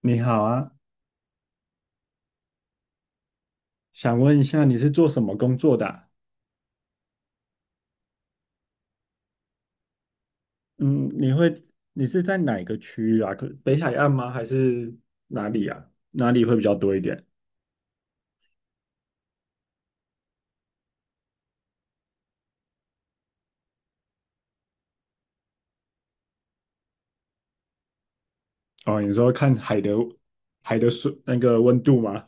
你好啊，想问一下你是做什么工作的啊。嗯，你是在哪个区域啊？可北海岸吗？还是哪里啊？哪里会比较多一点？哦，你说看海的海的水那个温度吗？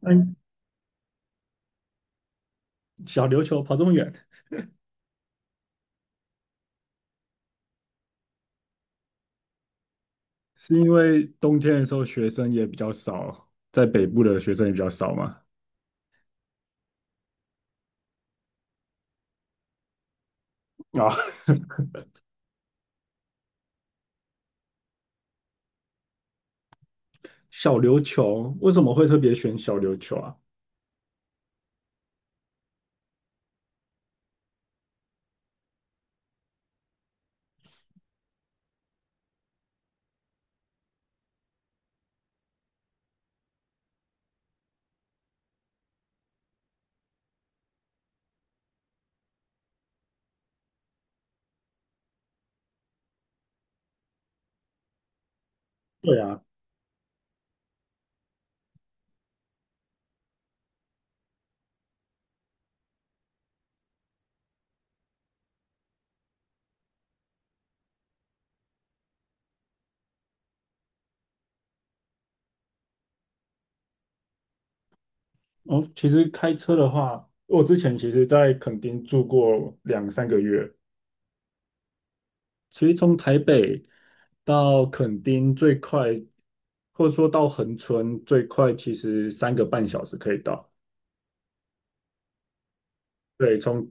嗯，小琉球跑这么远，是因为冬天的时候学生也比较少，在北部的学生也比较少吗？啊，小琉球为什么会特别选小琉球啊？对啊？哦，其实开车的话，我之前其实在垦丁住过两三个月。其实从台北到垦丁最快，或者说到横村最快，其实三个半小时可以到。对，从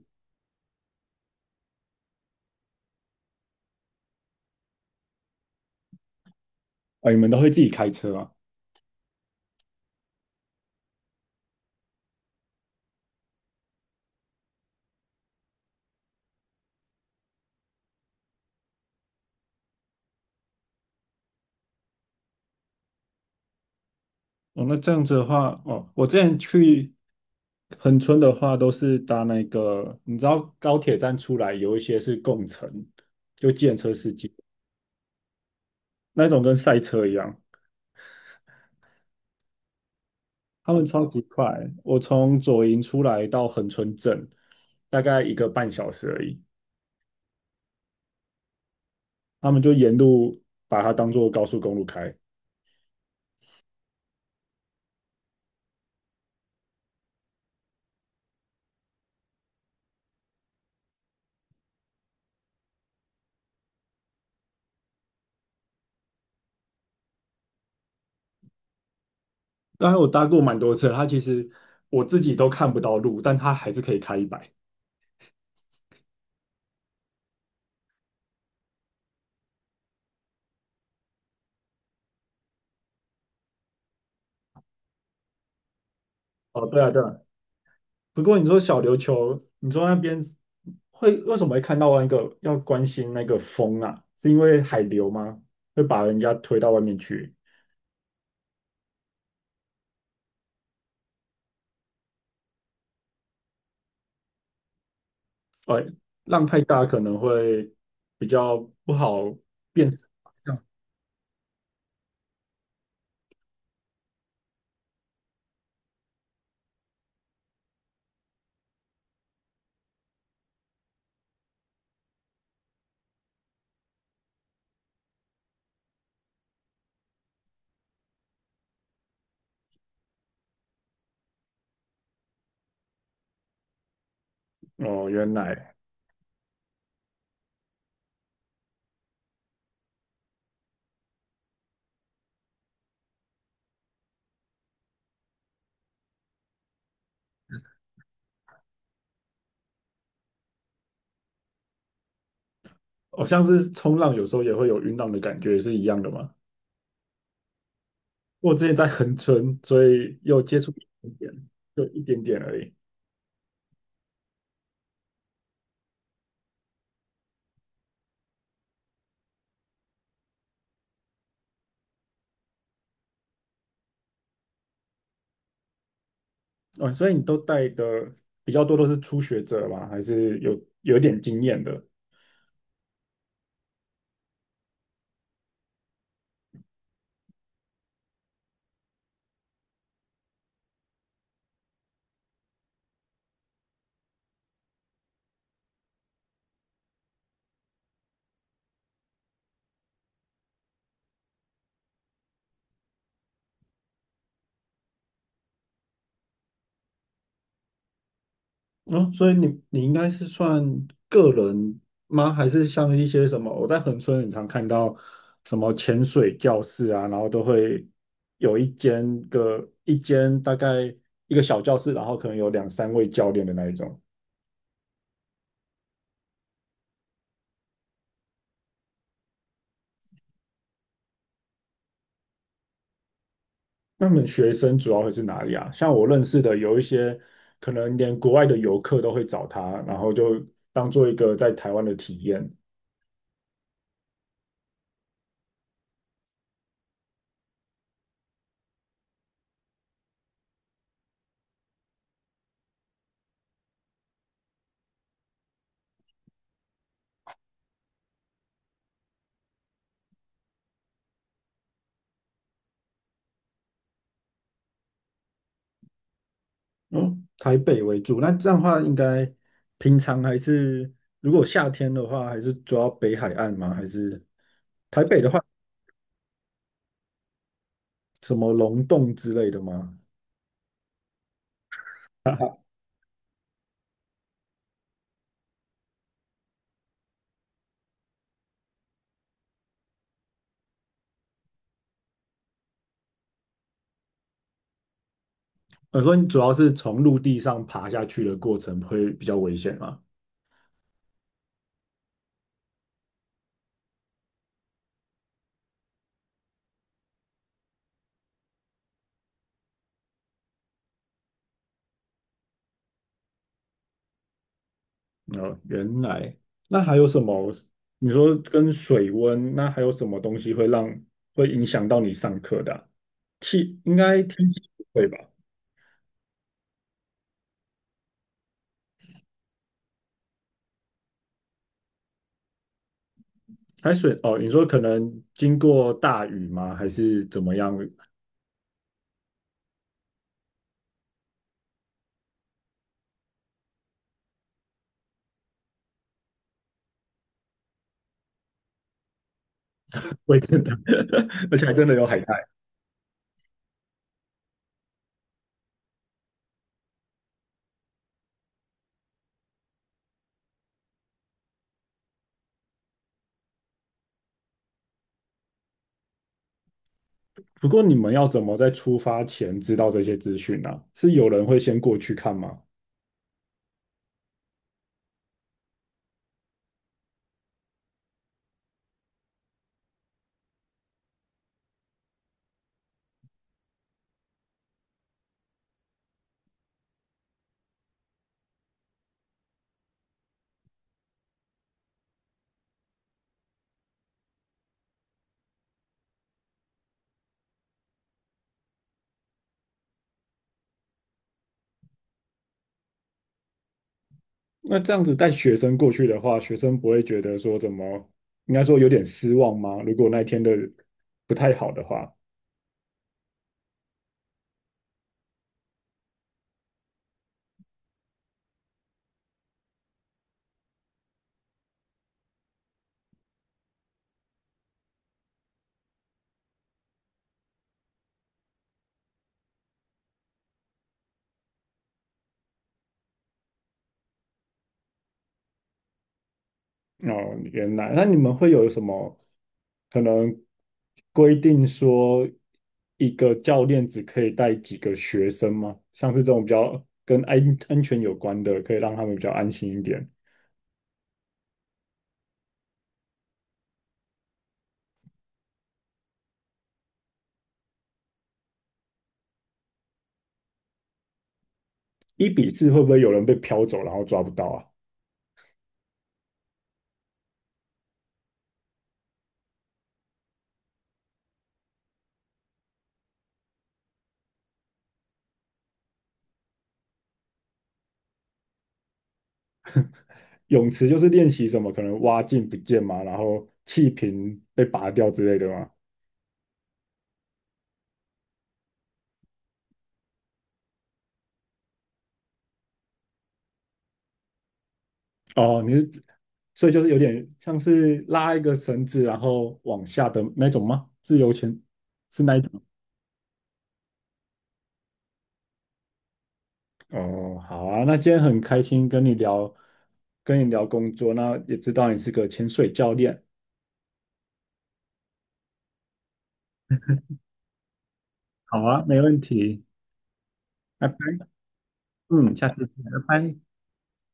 啊，你们都会自己开车啊？哦，那这样子的话，哦，我之前去横村的话，都是搭那个，你知道高铁站出来有一些是共乘，就计程车司机那种，跟赛车一样。他们超级快，我从左营出来到横村镇，大概一个半小时而已。他们就沿路把它当做高速公路开。当然，我搭过蛮多次，它其实我自己都看不到路，但它还是可以开100。哦，对啊，对啊。不过你说小琉球，你说那边为什么会看到那个要关心那个风啊？是因为海流吗？会把人家推到外面去？呃，浪太大可能会比较不好辨识。哦，原来哦，像是冲浪有时候也会有晕浪的感觉，是一样的吗？我之前在横村，所以有接触一点点，就一点点而已。哦，所以你都带的比较多都是初学者吗？还是有点经验的？哦，所以你应该是算个人吗？还是像一些什么？我在横村很常看到什么潜水教室啊，然后都会有一间大概一个小教室，然后可能有两三位教练的那一种。那么学生主要会是哪里啊？像我认识的有一些，可能连国外的游客都会找他，然后就当做一个在台湾的体验。嗯，台北为主，那这样的话，应该平常还是如果夏天的话，还是主要北海岸吗？还是台北的话，什么龙洞之类的吗？我说你主要是从陆地上爬下去的过程会比较危险吗？哦，原来，那还有什么？你说跟水温，那还有什么东西会影响到你上课的啊应该天气不会吧？海水哦，你说可能经过大雨吗？还是怎么样？会真的，而且还真的有海带。不过你们要怎么在出发前知道这些资讯呢、啊是有人会先过去看吗？那这样子带学生过去的话，学生不会觉得说怎么，应该说有点失望吗？如果那一天的不太好的话。哦，原来，那你们会有什么可能规定说一个教练只可以带几个学生吗？像是这种比较跟安全有关的，可以让他们比较安心一点。1:4会不会有人被飘走，然后抓不到啊？泳池就是练习什么，可能蛙镜不见嘛，然后气瓶被拔掉之类的吗？哦，你是指，所以就是有点像是拉一个绳子，然后往下的那种吗？自由潜是那一种。哦，好啊，那今天很开心跟你聊，跟你聊工作，那也知道你是个潜水教练。好啊，没问题，拜拜。嗯，下次见，拜拜。